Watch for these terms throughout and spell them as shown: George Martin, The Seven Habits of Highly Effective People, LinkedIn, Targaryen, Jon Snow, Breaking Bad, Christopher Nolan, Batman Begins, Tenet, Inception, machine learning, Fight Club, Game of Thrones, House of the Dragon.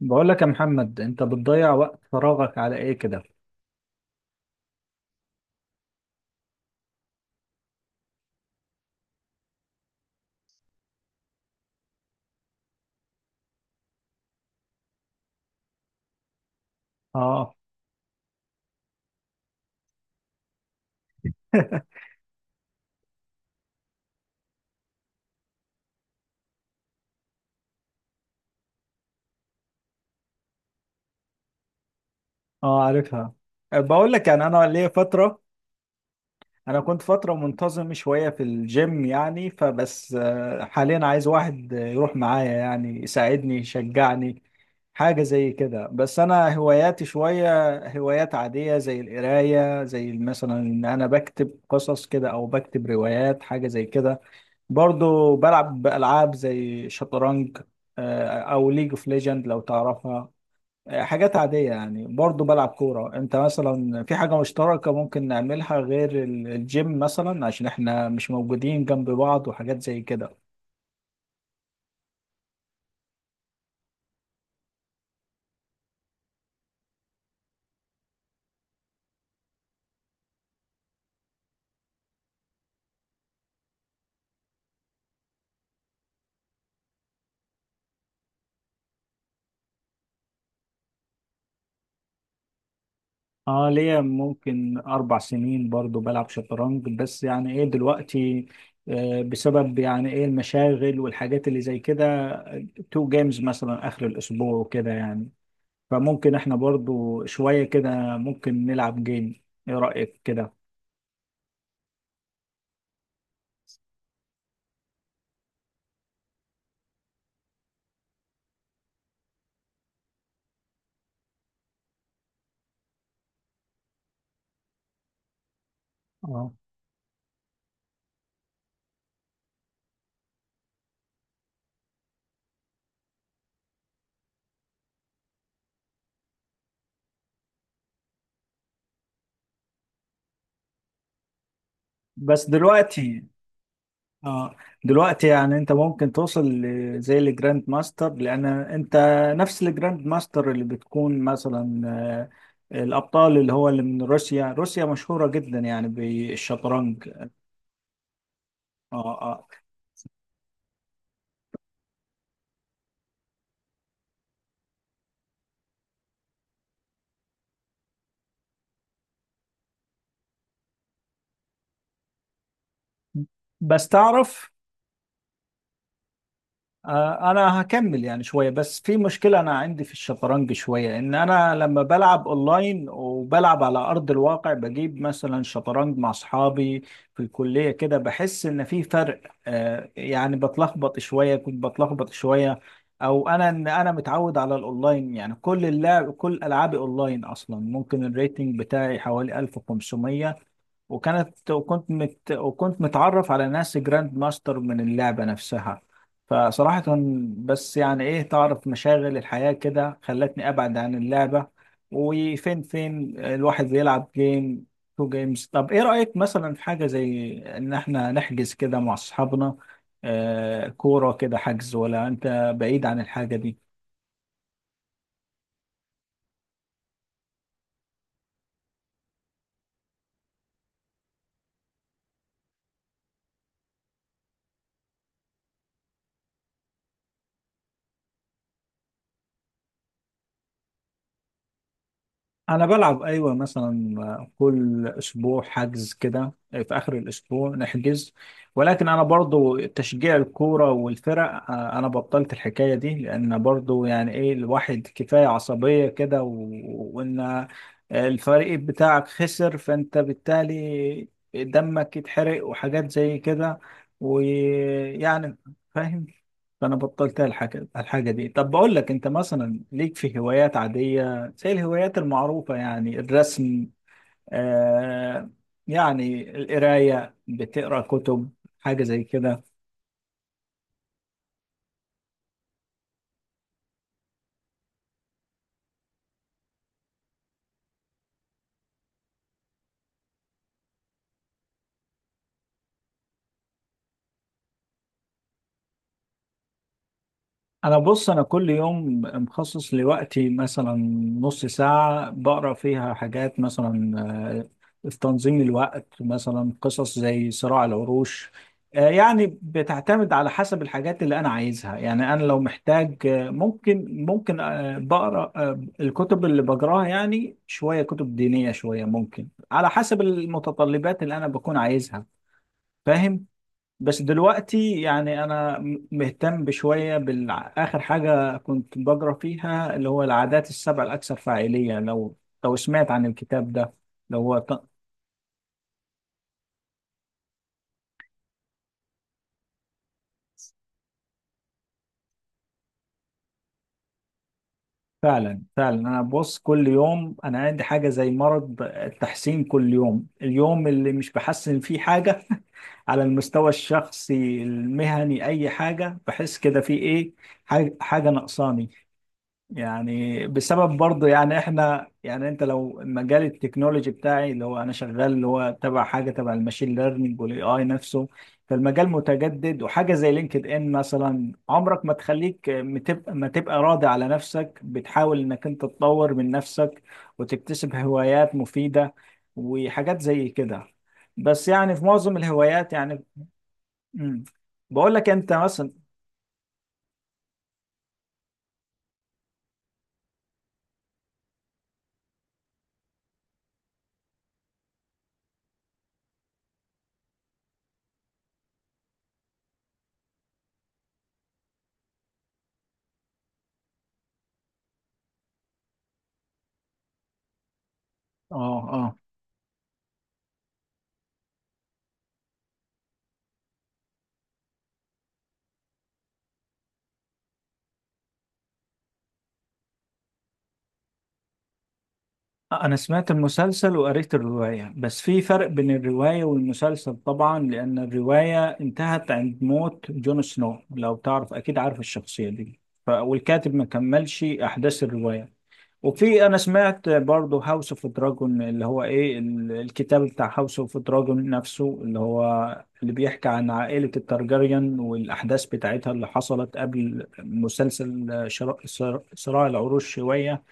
بقول لك يا محمد، انت بتضيع وقت فراغك على ايه كده؟ اه. اه، عارفها. بقول لك، يعني انا ليا فتره، انا كنت فتره منتظم شويه في الجيم يعني، فبس حاليا عايز واحد يروح معايا يعني يساعدني يشجعني، حاجه زي كده. بس انا هواياتي شويه هوايات عاديه، زي القرايه، زي مثلا ان انا بكتب قصص كده او بكتب روايات، حاجه زي كده. برضو بلعب بألعاب زي شطرنج، أو ليج اوف ليجند لو تعرفها. حاجات عادية يعني، برضو بلعب كورة. انت مثلا في حاجة مشتركة ممكن نعملها غير الجيم، مثلا عشان احنا مش موجودين جنب بعض، وحاجات زي كده؟ اه، ليا ممكن 4 سنين برضو بلعب شطرنج، بس يعني ايه دلوقتي، بسبب يعني ايه المشاغل والحاجات اللي زي كده، تو جيمز مثلا آخر الأسبوع وكده يعني. فممكن احنا برضو شوية كده، ممكن نلعب جيم. ايه رأيك كده؟ اه. بس دلوقتي، اه، دلوقتي يعني انت ممكن توصل زي الجراند ماستر، لان انت نفس الجراند ماستر اللي بتكون مثلا الابطال، اللي هو اللي من روسيا. روسيا مشهورة جدا يعني بالشطرنج. اه، اه. بس تعرف، انا هكمل يعني شويه، بس في مشكله انا عندي في الشطرنج شويه، ان انا لما بلعب اونلاين وبلعب على ارض الواقع بجيب مثلا شطرنج مع اصحابي في الكليه كده بحس ان في فرق. يعني بتلخبط شويه، كنت بتلخبط شويه، او انا انا متعود على الاونلاين، يعني كل اللعب كل العابي اونلاين اصلا. ممكن الريتنج بتاعي حوالي 1500. وكانت وكنت مت وكنت متعرف على ناس جراند ماستر من اللعبة نفسها. فصراحة، بس يعني ايه، تعرف مشاغل الحياة كده خلتني ابعد عن اللعبة. وفين فين الواحد بيلعب جيم، تو جيمز. طب ايه رأيك مثلا في حاجة زي ان احنا نحجز كده مع اصحابنا كورة كده، حجز، ولا انت بعيد عن الحاجة دي؟ انا بلعب، ايوه، مثلا كل اسبوع حجز كده، في اخر الاسبوع نحجز. ولكن انا برضو تشجيع الكوره والفرق، انا بطلت الحكايه دي، لان برضو يعني ايه الواحد كفايه عصبيه كده و... وان الفريق بتاعك خسر فانت بالتالي دمك يتحرق وحاجات زي كده، ويعني فاهم. فانا بطلت الحاجه دي. طب بقول لك انت مثلا ليك في هوايات عاديه، زي الهوايات المعروفة يعني الرسم، آه يعني القراية، بتقرأ كتب، حاجة زي كده؟ انا بص، انا كل يوم مخصص لوقتي مثلا نص ساعة بقرا فيها حاجات، مثلا في تنظيم الوقت، مثلا قصص زي صراع العروش. يعني بتعتمد على حسب الحاجات اللي انا عايزها، يعني انا لو محتاج ممكن بقرا، الكتب اللي بقراها يعني شوية كتب دينية، شوية ممكن على حسب المتطلبات اللي انا بكون عايزها. فاهم؟ بس دلوقتي يعني انا مهتم بشويه بالاخر حاجه كنت بقرا فيها، اللي هو العادات السبع الاكثر فاعليه، لو لو سمعت عن الكتاب ده. اللي هو ط- فعلا، فعلا انا ببص كل يوم، انا عندي حاجه زي مرض التحسين، كل يوم، اليوم اللي مش بحسن فيه حاجه، على المستوى الشخصي، المهني، اي حاجه، بحس كده في ايه حاجة ناقصاني. يعني بسبب برضه يعني احنا، يعني انت لو مجال التكنولوجي بتاعي، اللي هو انا شغال اللي هو تبع حاجه تبع الماشين ليرنينج والاي اي نفسه، فالمجال متجدد. وحاجه زي لينكد ان مثلا عمرك ما تخليك متبقى ما تبقى راضي على نفسك، بتحاول انك انت تطور من نفسك وتكتسب هوايات مفيده وحاجات زي كده. بس يعني في معظم الهوايات يعني. امم. بقول لك انت مثلا. اه. آه. أنا سمعت المسلسل وقريت الرواية، بس في فرق بين الرواية والمسلسل طبعا، لأن الرواية انتهت عند موت جون سنو، لو تعرف، أكيد عارف الشخصية دي. ف... والكاتب ما كملش أحداث الرواية. وفي، أنا سمعت برضو هاوس اوف دراجون، اللي هو إيه الكتاب بتاع هاوس اوف دراجون نفسه، اللي هو اللي بيحكي عن عائلة التارجاريان والأحداث بتاعتها اللي حصلت قبل مسلسل صراع العروش شوية.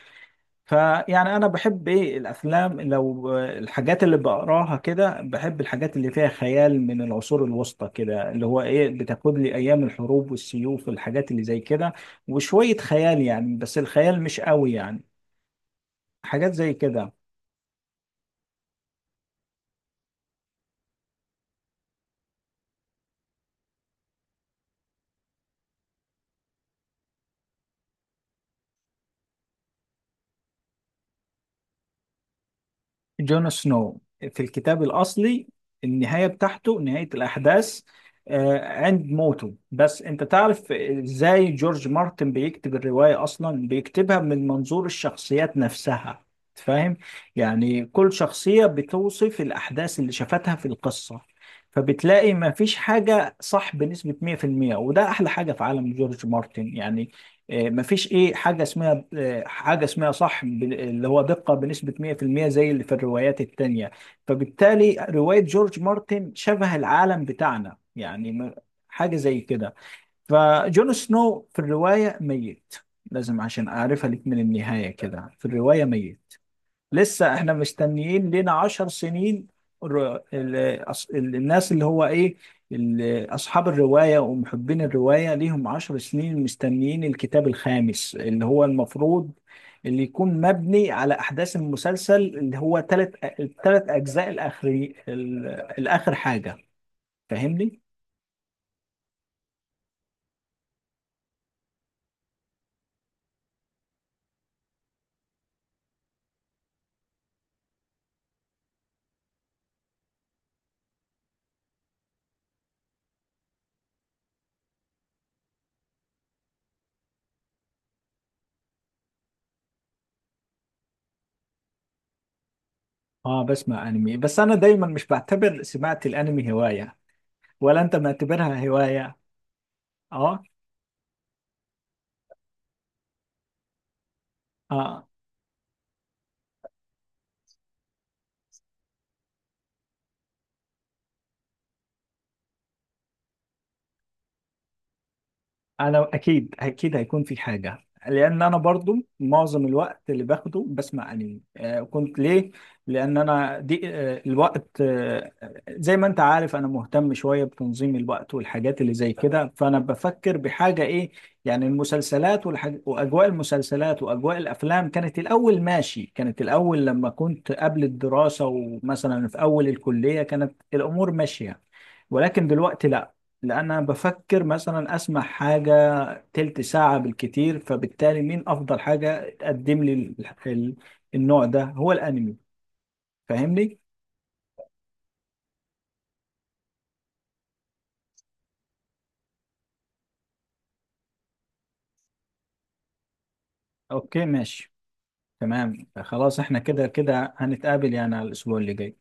فيعني انا بحب ايه الافلام، لو الحاجات اللي بقراها كده، بحب الحاجات اللي فيها خيال من العصور الوسطى كده، اللي هو ايه بتاخد لي ايام الحروب والسيوف والحاجات اللي زي كده، وشوية خيال، يعني بس الخيال مش قوي يعني، حاجات زي كده. جون سنو في الكتاب الأصلي، النهاية بتاعته، نهاية الأحداث آه، عند موته. بس أنت تعرف إزاي جورج مارتن بيكتب الرواية أصلا، بيكتبها من منظور الشخصيات نفسها، فاهم، يعني كل شخصية بتوصف الأحداث اللي شافتها في القصة، فبتلاقي ما فيش حاجة صح بنسبة 100%. وده أحلى حاجة في عالم جورج مارتن يعني. مفيش ايه حاجه اسمها حاجه اسمها صح اللي هو دقه بنسبه 100%، زي اللي في الروايات التانية. فبالتالي روايه جورج مارتن شبه العالم بتاعنا يعني، حاجه زي كده. فجون سنو في الروايه ميت، لازم عشان اعرفها لك، من النهايه كده، في الروايه ميت. لسه احنا مستنيين لنا 10 سنين. الناس اللي هو ايه، اصحاب الرواية ومحبين الرواية ليهم 10 سنين مستنيين الكتاب الخامس، اللي هو المفروض اللي يكون مبني على احداث المسلسل، اللي هو الثلاث اجزاء الاخري، الاخر حاجة. فاهمني؟ اه، بسمع انمي، بس انا دايما مش بعتبر سماعة الانمي هواية، ولا انت معتبرها هواية؟ اه. اه. انا اكيد اكيد هيكون في حاجه، لان انا برضو معظم الوقت اللي باخده بسمع انمي. كنت ليه، لان انا دي، الوقت، زي ما انت عارف انا مهتم شويه بتنظيم الوقت والحاجات اللي زي كده، فانا بفكر بحاجه ايه. يعني المسلسلات واجواء المسلسلات واجواء الافلام، كانت الاول ماشي، كانت الاول لما كنت قبل الدراسه ومثلا في اول الكليه كانت الامور ماشيه، ولكن دلوقتي لا، لان انا بفكر مثلا اسمع حاجه تلت ساعة بالكتير، فبالتالي مين أفضل حاجة تقدم لي ال- النوع ده هو الأنمي. فاهمني؟ أوكي، ماشي، تمام، خلاص، احنا كده كده هنتقابل يعني على الأسبوع اللي جاي.